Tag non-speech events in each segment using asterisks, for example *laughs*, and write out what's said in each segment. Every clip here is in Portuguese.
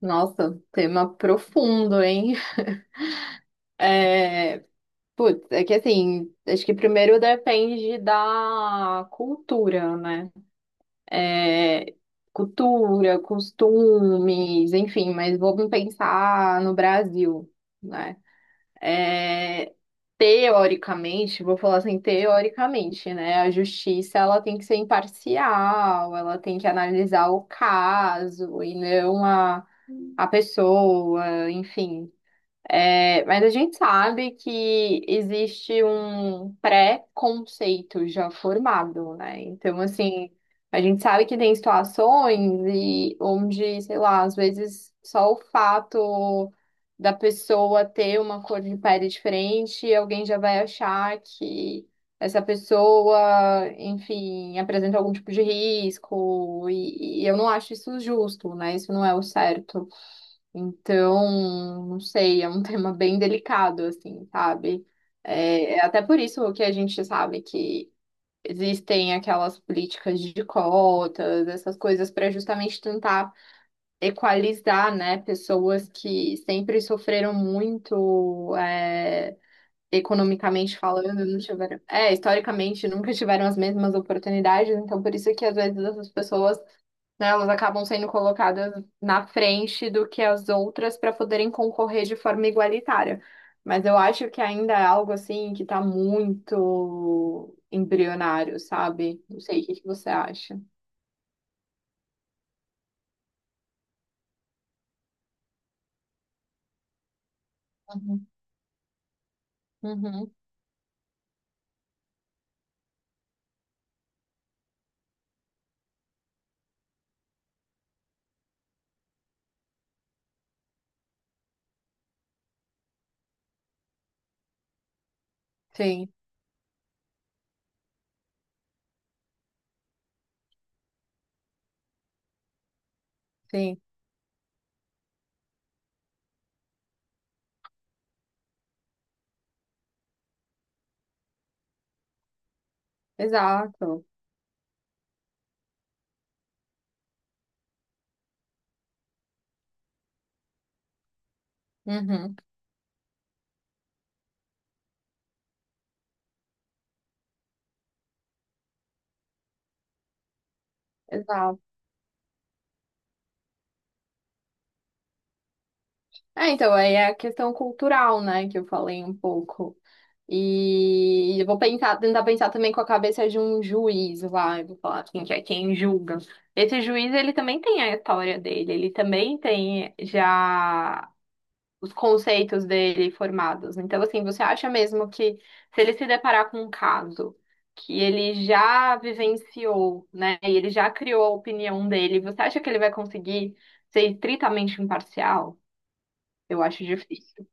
Nossa, tema profundo, hein? É, putz, é que assim, acho que primeiro depende da cultura, né? É, cultura, costumes, enfim, mas vamos pensar no Brasil, né? É, teoricamente, vou falar assim, teoricamente, né? A justiça, ela tem que ser imparcial, ela tem que analisar o caso e não a pessoa, enfim. É, mas a gente sabe que existe um pré-conceito já formado, né? Então, assim, a gente sabe que tem situações onde, sei lá, às vezes só o fato da pessoa ter uma cor de pele diferente, alguém já vai achar que essa pessoa, enfim, apresenta algum tipo de risco, e eu não acho isso justo, né? Isso não é o certo. Então, não sei, é um *laughs* tema bem delicado, assim, sabe? É, é até por isso que a gente sabe que existem aquelas políticas de cotas, essas coisas, para justamente tentar equalizar, né, pessoas que sempre sofreram muito, é, economicamente falando, não tiveram, é, historicamente nunca tiveram as mesmas oportunidades, então por isso que às vezes essas pessoas né, elas acabam sendo colocadas na frente do que as outras para poderem concorrer de forma igualitária. Mas eu acho que ainda é algo assim que está muito embrionário, sabe? Não sei, o que que você acha? Uhum, uhum. Sim, sim. Exato. Uhum. Exato. É, então, aí é a questão cultural, né, que eu falei um pouco. E eu vou pensar, tentar pensar também com a cabeça de um juiz lá, eu vou falar quem que é quem julga. Esse juiz, ele também tem a história dele, ele também tem já os conceitos dele formados. Então, assim, você acha mesmo que se ele se deparar com um caso que ele já vivenciou, né, e ele já criou a opinião dele, você acha que ele vai conseguir ser estritamente imparcial? Eu acho difícil.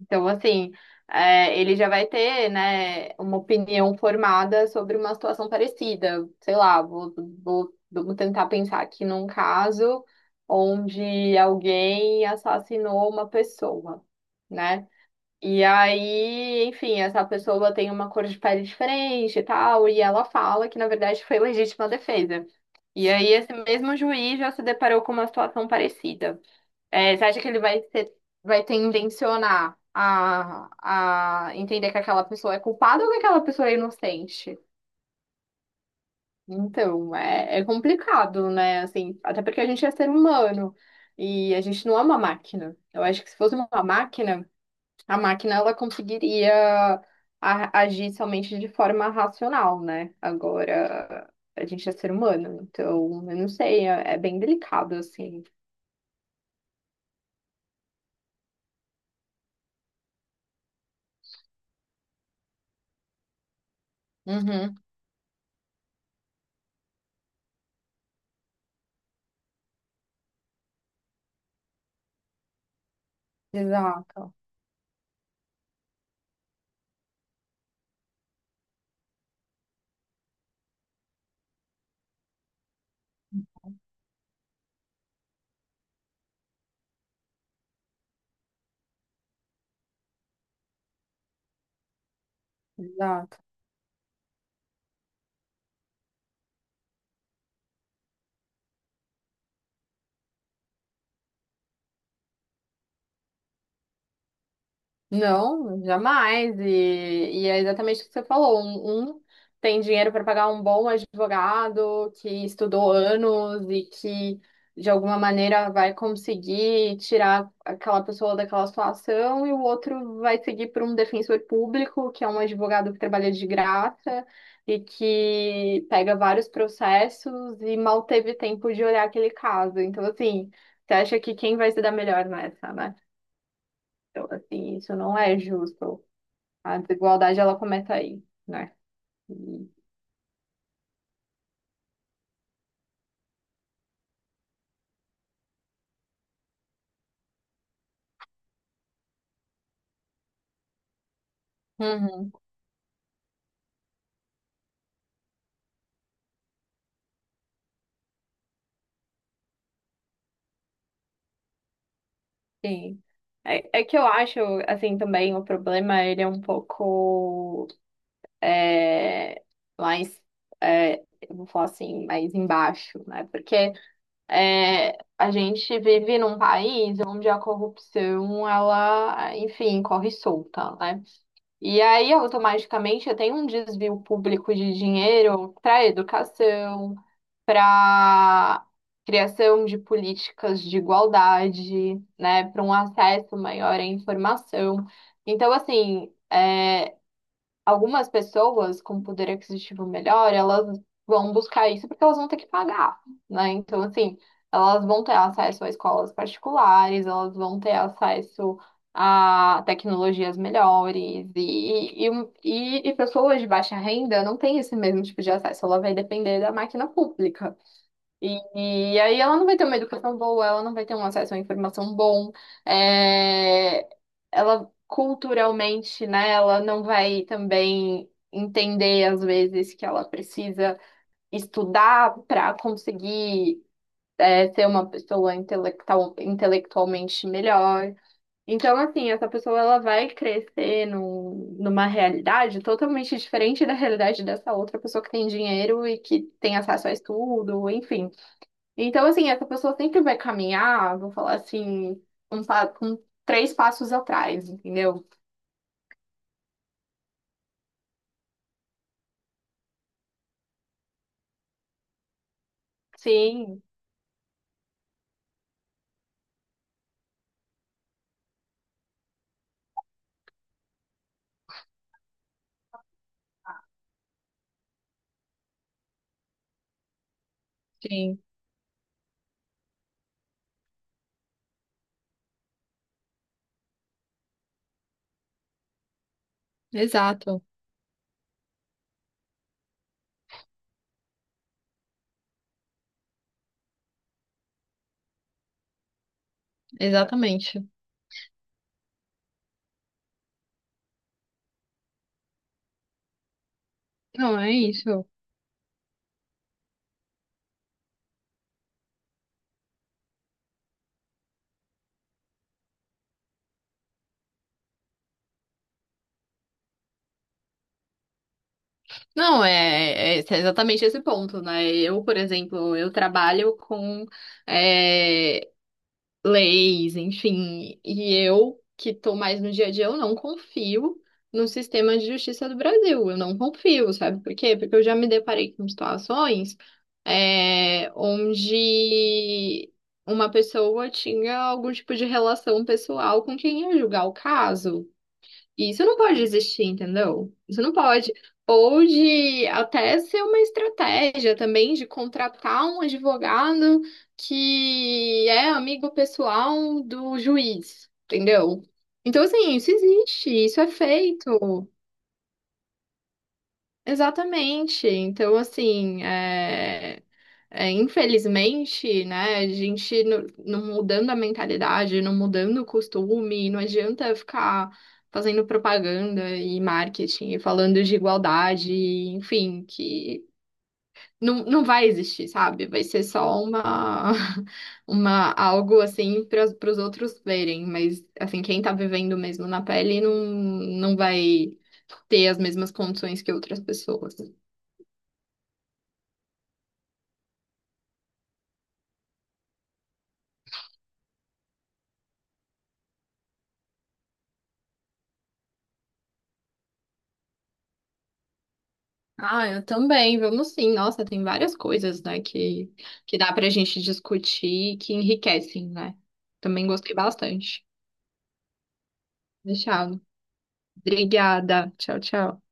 Então, assim, é, ele já vai ter, né, uma opinião formada sobre uma situação parecida. Sei lá, vou tentar pensar aqui num caso onde alguém assassinou uma pessoa, né? E aí, enfim, essa pessoa tem uma cor de pele diferente e tal, e ela fala que, na verdade, foi legítima defesa. E aí, esse mesmo juiz já se deparou com uma situação parecida. É, você acha que ele vai ter, vai tendencionar a entender que aquela pessoa é culpada ou que aquela pessoa é inocente? Então, é, é complicado, né? Assim, até porque a gente é ser humano e a gente não é uma máquina. Eu acho que se fosse uma máquina, a máquina ela conseguiria agir somente de forma racional, né? Agora, a gente é ser humano, então, eu não sei, é, é bem delicado, assim. Uhum. Exato, exato. Não, jamais. E é exatamente o que você falou. Um tem dinheiro para pagar um bom advogado que estudou anos e que, de alguma maneira, vai conseguir tirar aquela pessoa daquela situação, e o outro vai seguir por um defensor público, que é um advogado que trabalha de graça e que pega vários processos e mal teve tempo de olhar aquele caso. Então, assim, você acha que quem vai se dar melhor nessa, né? Então, assim, isso não é justo. A desigualdade, ela começa aí, né? E- Uhum, sim. É, é que eu acho, assim, também o problema, ele é um pouco é, mais, é, eu vou falar assim, mais embaixo, né? Porque é, a gente vive num país onde a corrupção, ela, enfim, corre solta, né? E aí, automaticamente, tem um desvio público de dinheiro para educação, para criação de políticas de igualdade, né, para um acesso maior à informação. Então, assim, é, algumas pessoas com poder aquisitivo melhor, elas vão buscar isso porque elas vão ter que pagar, né? Então, assim, elas vão ter acesso a escolas particulares, elas vão ter acesso a tecnologias melhores e pessoas de baixa renda não têm esse mesmo tipo de acesso, ela vai depender da máquina pública. E, e aí ela não vai ter uma educação boa, ela não vai ter um acesso à informação bom, é, ela culturalmente, né, ela não vai também entender às vezes que ela precisa estudar para conseguir é, ser uma pessoa intelectual, intelectualmente melhor. Então, assim, essa pessoa ela vai crescer numa realidade totalmente diferente da realidade dessa outra pessoa que tem dinheiro e que tem acesso a estudo, enfim. Então, assim, essa pessoa sempre vai caminhar, vou falar assim, com três passos atrás, entendeu? Sim, sim, exato, exatamente. Não, é isso. Não, é, é exatamente esse ponto, né? Eu, por exemplo, eu trabalho com eh, leis, enfim. E eu, que estou mais no dia a dia, eu não confio no sistema de justiça do Brasil. Eu não confio, sabe por quê? Porque eu já me deparei com situações é, onde uma pessoa tinha algum tipo de relação pessoal com quem ia julgar o caso. E isso não pode existir, entendeu? Isso não pode. Ou de até ser uma estratégia também de contratar um advogado que é amigo pessoal do juiz, entendeu? Então, assim, isso existe, isso é feito. Exatamente. Então, assim, é, é, infelizmente, né, a gente não, não mudando a mentalidade, não mudando o costume, não adianta ficar fazendo propaganda e marketing, e falando de igualdade, enfim, que não, não vai existir, sabe? Vai ser só uma, *laughs* uma algo assim para os outros verem, mas assim, quem tá vivendo mesmo na pele não, não vai ter as mesmas condições que outras pessoas. Ah, eu também, vamos sim. Nossa, tem várias coisas, né, que dá pra gente discutir e que enriquecem, né? Também gostei bastante. Deixado. Obrigada. Tchau, tchau.